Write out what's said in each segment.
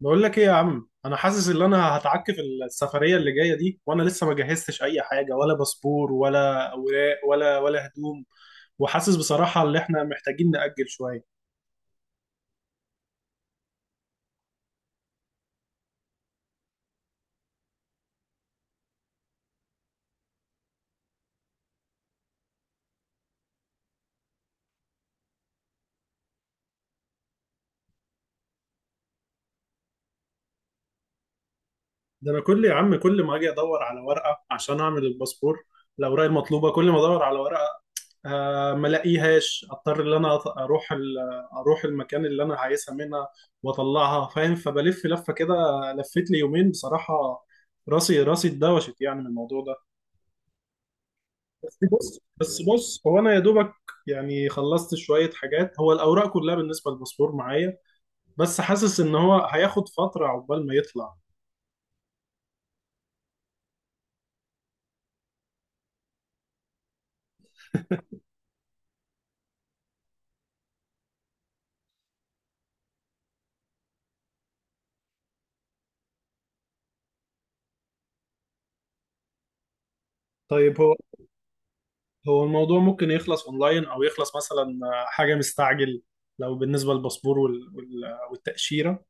بقول لك ايه يا عم، انا حاسس ان انا هتعكف السفريه اللي جايه دي، وانا لسه ما جهزتش اي حاجه، ولا باسبور ولا اوراق ولا هدوم. وحاسس بصراحه ان احنا محتاجين نأجل شويه. ده انا يا عم، كل ما اجي ادور على ورقه عشان اعمل الباسبور، الاوراق المطلوبه، كل ما ادور على ورقه ما الاقيهاش، اضطر ان انا اروح المكان اللي انا عايزها منها واطلعها، فاهم؟ فبلف لفه كده، لفت لي يومين بصراحه. راسي اتدوشت يعني من الموضوع ده. بس بص، هو انا يا دوبك يعني خلصت شويه حاجات، هو الاوراق كلها بالنسبه للباسبور معايا، بس حاسس ان هو هياخد فتره عقبال ما يطلع. طيب هو الموضوع ممكن يخلص اونلاين او يخلص مثلا حاجه مستعجل، لو بالنسبه للباسبور والتاشيره؟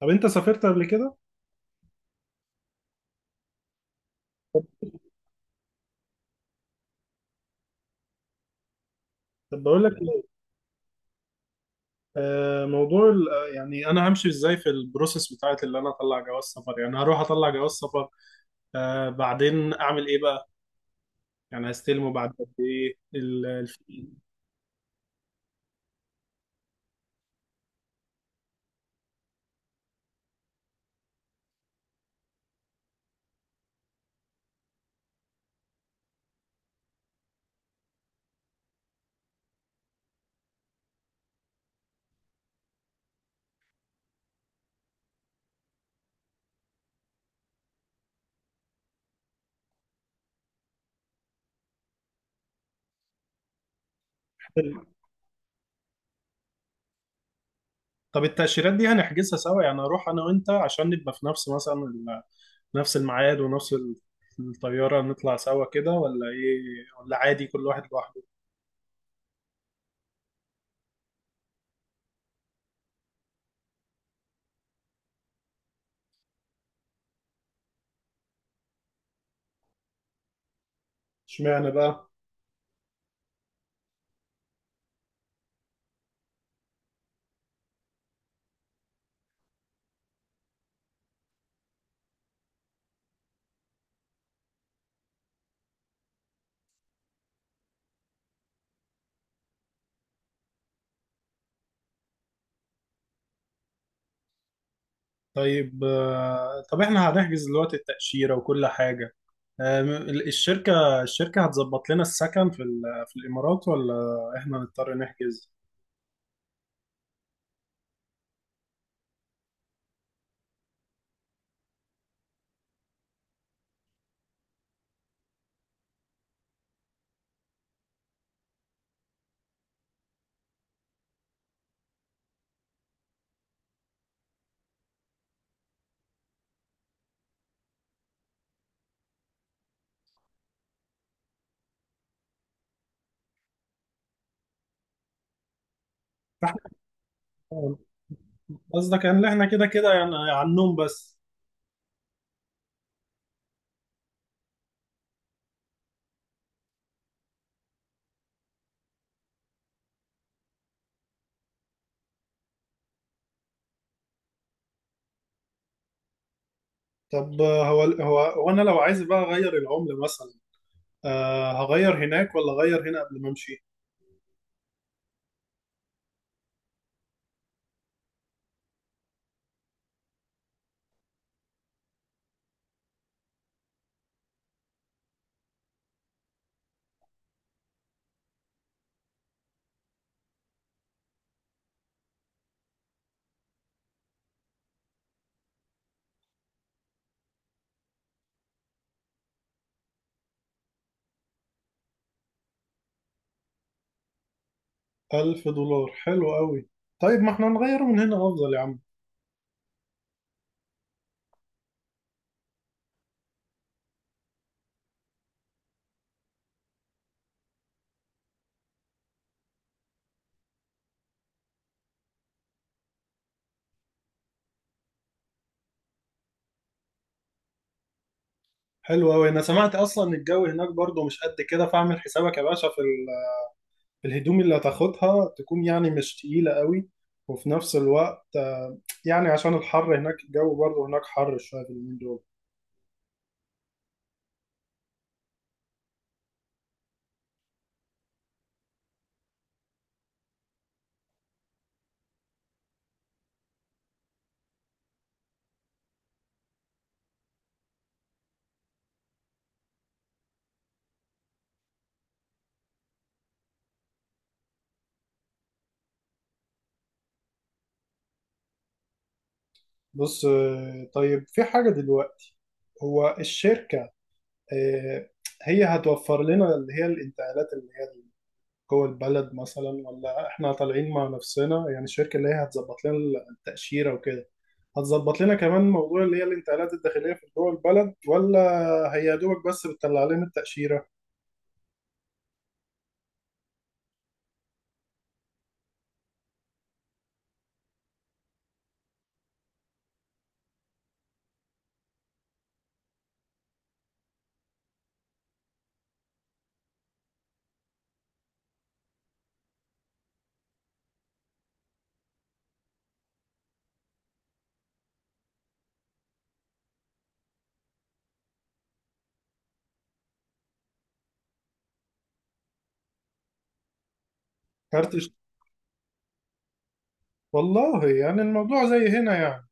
طب انت سافرت قبل كده؟ طب بقول لك إيه، موضوع يعني انا همشي ازاي في البروسيس بتاعت اللي انا اطلع جواز سفر؟ يعني هروح اطلع جواز سفر، بعدين اعمل ايه بقى؟ يعني هستلمه بعد قد ايه؟ طب التأشيرات دي يعني هنحجزها سوا؟ يعني اروح انا وانت عشان نبقى في نفس مثلا نفس الميعاد، ونفس الطيارة، نطلع سوا كده ولا ايه؟ ولا عادي كل واحد لوحده؟ اشمعنى بقى؟ طيب، طب احنا هنحجز دلوقتي التأشيرة وكل حاجة. آه، م- الشركة هتظبط لنا السكن في الإمارات، ولا احنا نضطر نحجز؟ فاحنا، قصدك ان احنا كده كده يعني على النوم بس؟ طب، هو انا لو عايز بقى اغير العملة مثلا، هغير هناك ولا أغير هنا قبل ما أمشي؟ 1000 دولار حلو أوي. طيب ما احنا نغيره من هنا أفضل يا عم. حلو أوي. أنا سمعت أصلا إن الجو هناك برضو مش قد كده، فاعمل حسابك يا باشا في الهدوم اللي هتاخدها تكون يعني مش تقيلة أوي، وفي نفس الوقت يعني عشان الحر هناك، الجو برضو هناك حر شوية في اليومين دول. بص، طيب في حاجة دلوقتي، هو الشركة آه، هي هتوفر لنا اللي هي الانتقالات اللي جوه البلد مثلا، ولا احنا طالعين مع نفسنا؟ يعني الشركة اللي هي هتظبط لنا التأشيرة وكده، هتظبط لنا كمان موضوع اللي هي الانتقالات الداخلية في جوه البلد، ولا هي يا دوبك بس بتطلع لنا التأشيرة؟ كارت الش- والله يعني الموضوع زي هنا يعني.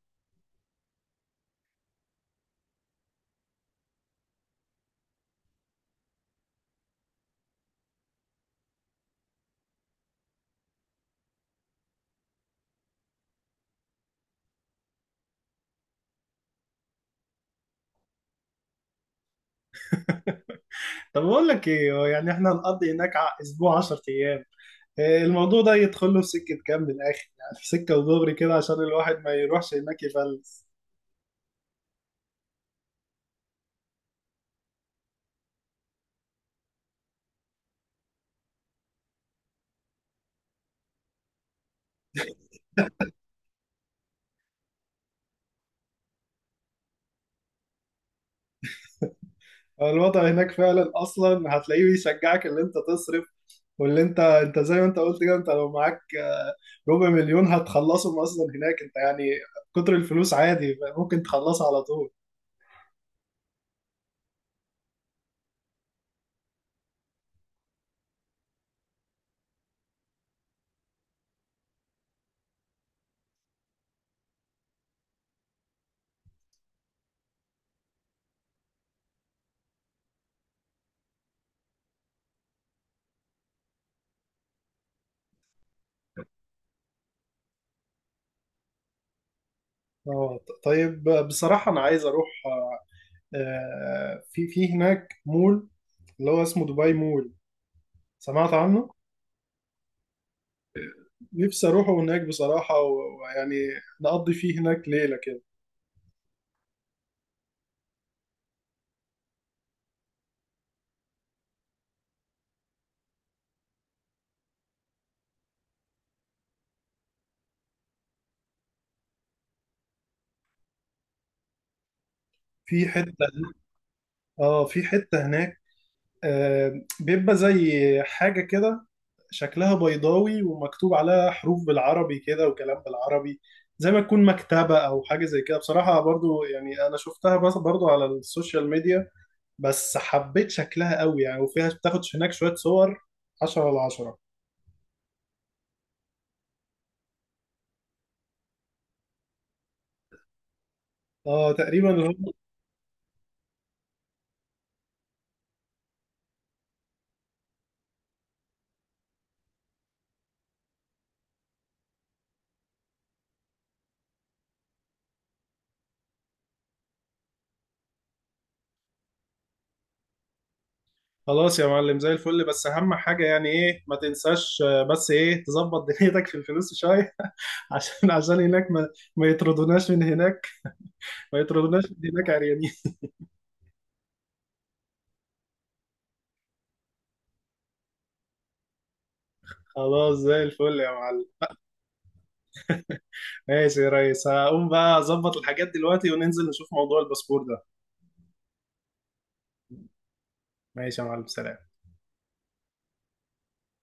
طب بقول لك ايه، هو يعني احنا هنقضي هناك اسبوع 10 ايام، إيه الموضوع ده يدخل له في سكة كام من الآخر؟ يعني في سكة ودغري كده عشان الواحد ما يروحش هناك يفلس. الوضع هناك فعلا أصلا هتلاقيه بيشجعك إن أنت تصرف، واللي انت زي ما انت قلت كده، انت لو معاك ربع مليون هتخلصهم اصلا هناك انت يعني. كتر الفلوس عادي ممكن تخلصها على طول. طيب بصراحة انا عايز اروح، في هناك مول اللي هو اسمه دبي مول، سمعت عنه؟ نفسي اروحه هناك بصراحة، ويعني نقضي فيه هناك ليلة كده. في حتة، اه في حتة هناك بيبقى زي حاجة كده شكلها بيضاوي ومكتوب عليها حروف بالعربي كده وكلام بالعربي، زي ما تكون مكتبة أو حاجة زي كده بصراحة، برضو يعني أنا شفتها بس برضو على السوشيال ميديا، بس حبيت شكلها قوي يعني، وفيها بتاخد هناك شوية صور 10/10. اه تقريبا اللي هو. خلاص يا معلم زي الفل. بس أهم حاجة يعني إيه؟ ما تنساش، بس إيه، تظبط دنيتك في الفلوس شوية عشان هناك ما يطردوناش من هناك عريانين. خلاص زي الفل يا معلم. ماشي يا ريس، هقوم بقى اظبط الحاجات دلوقتي وننزل نشوف موضوع الباسبور ده. ماشي يا معلم، سلام.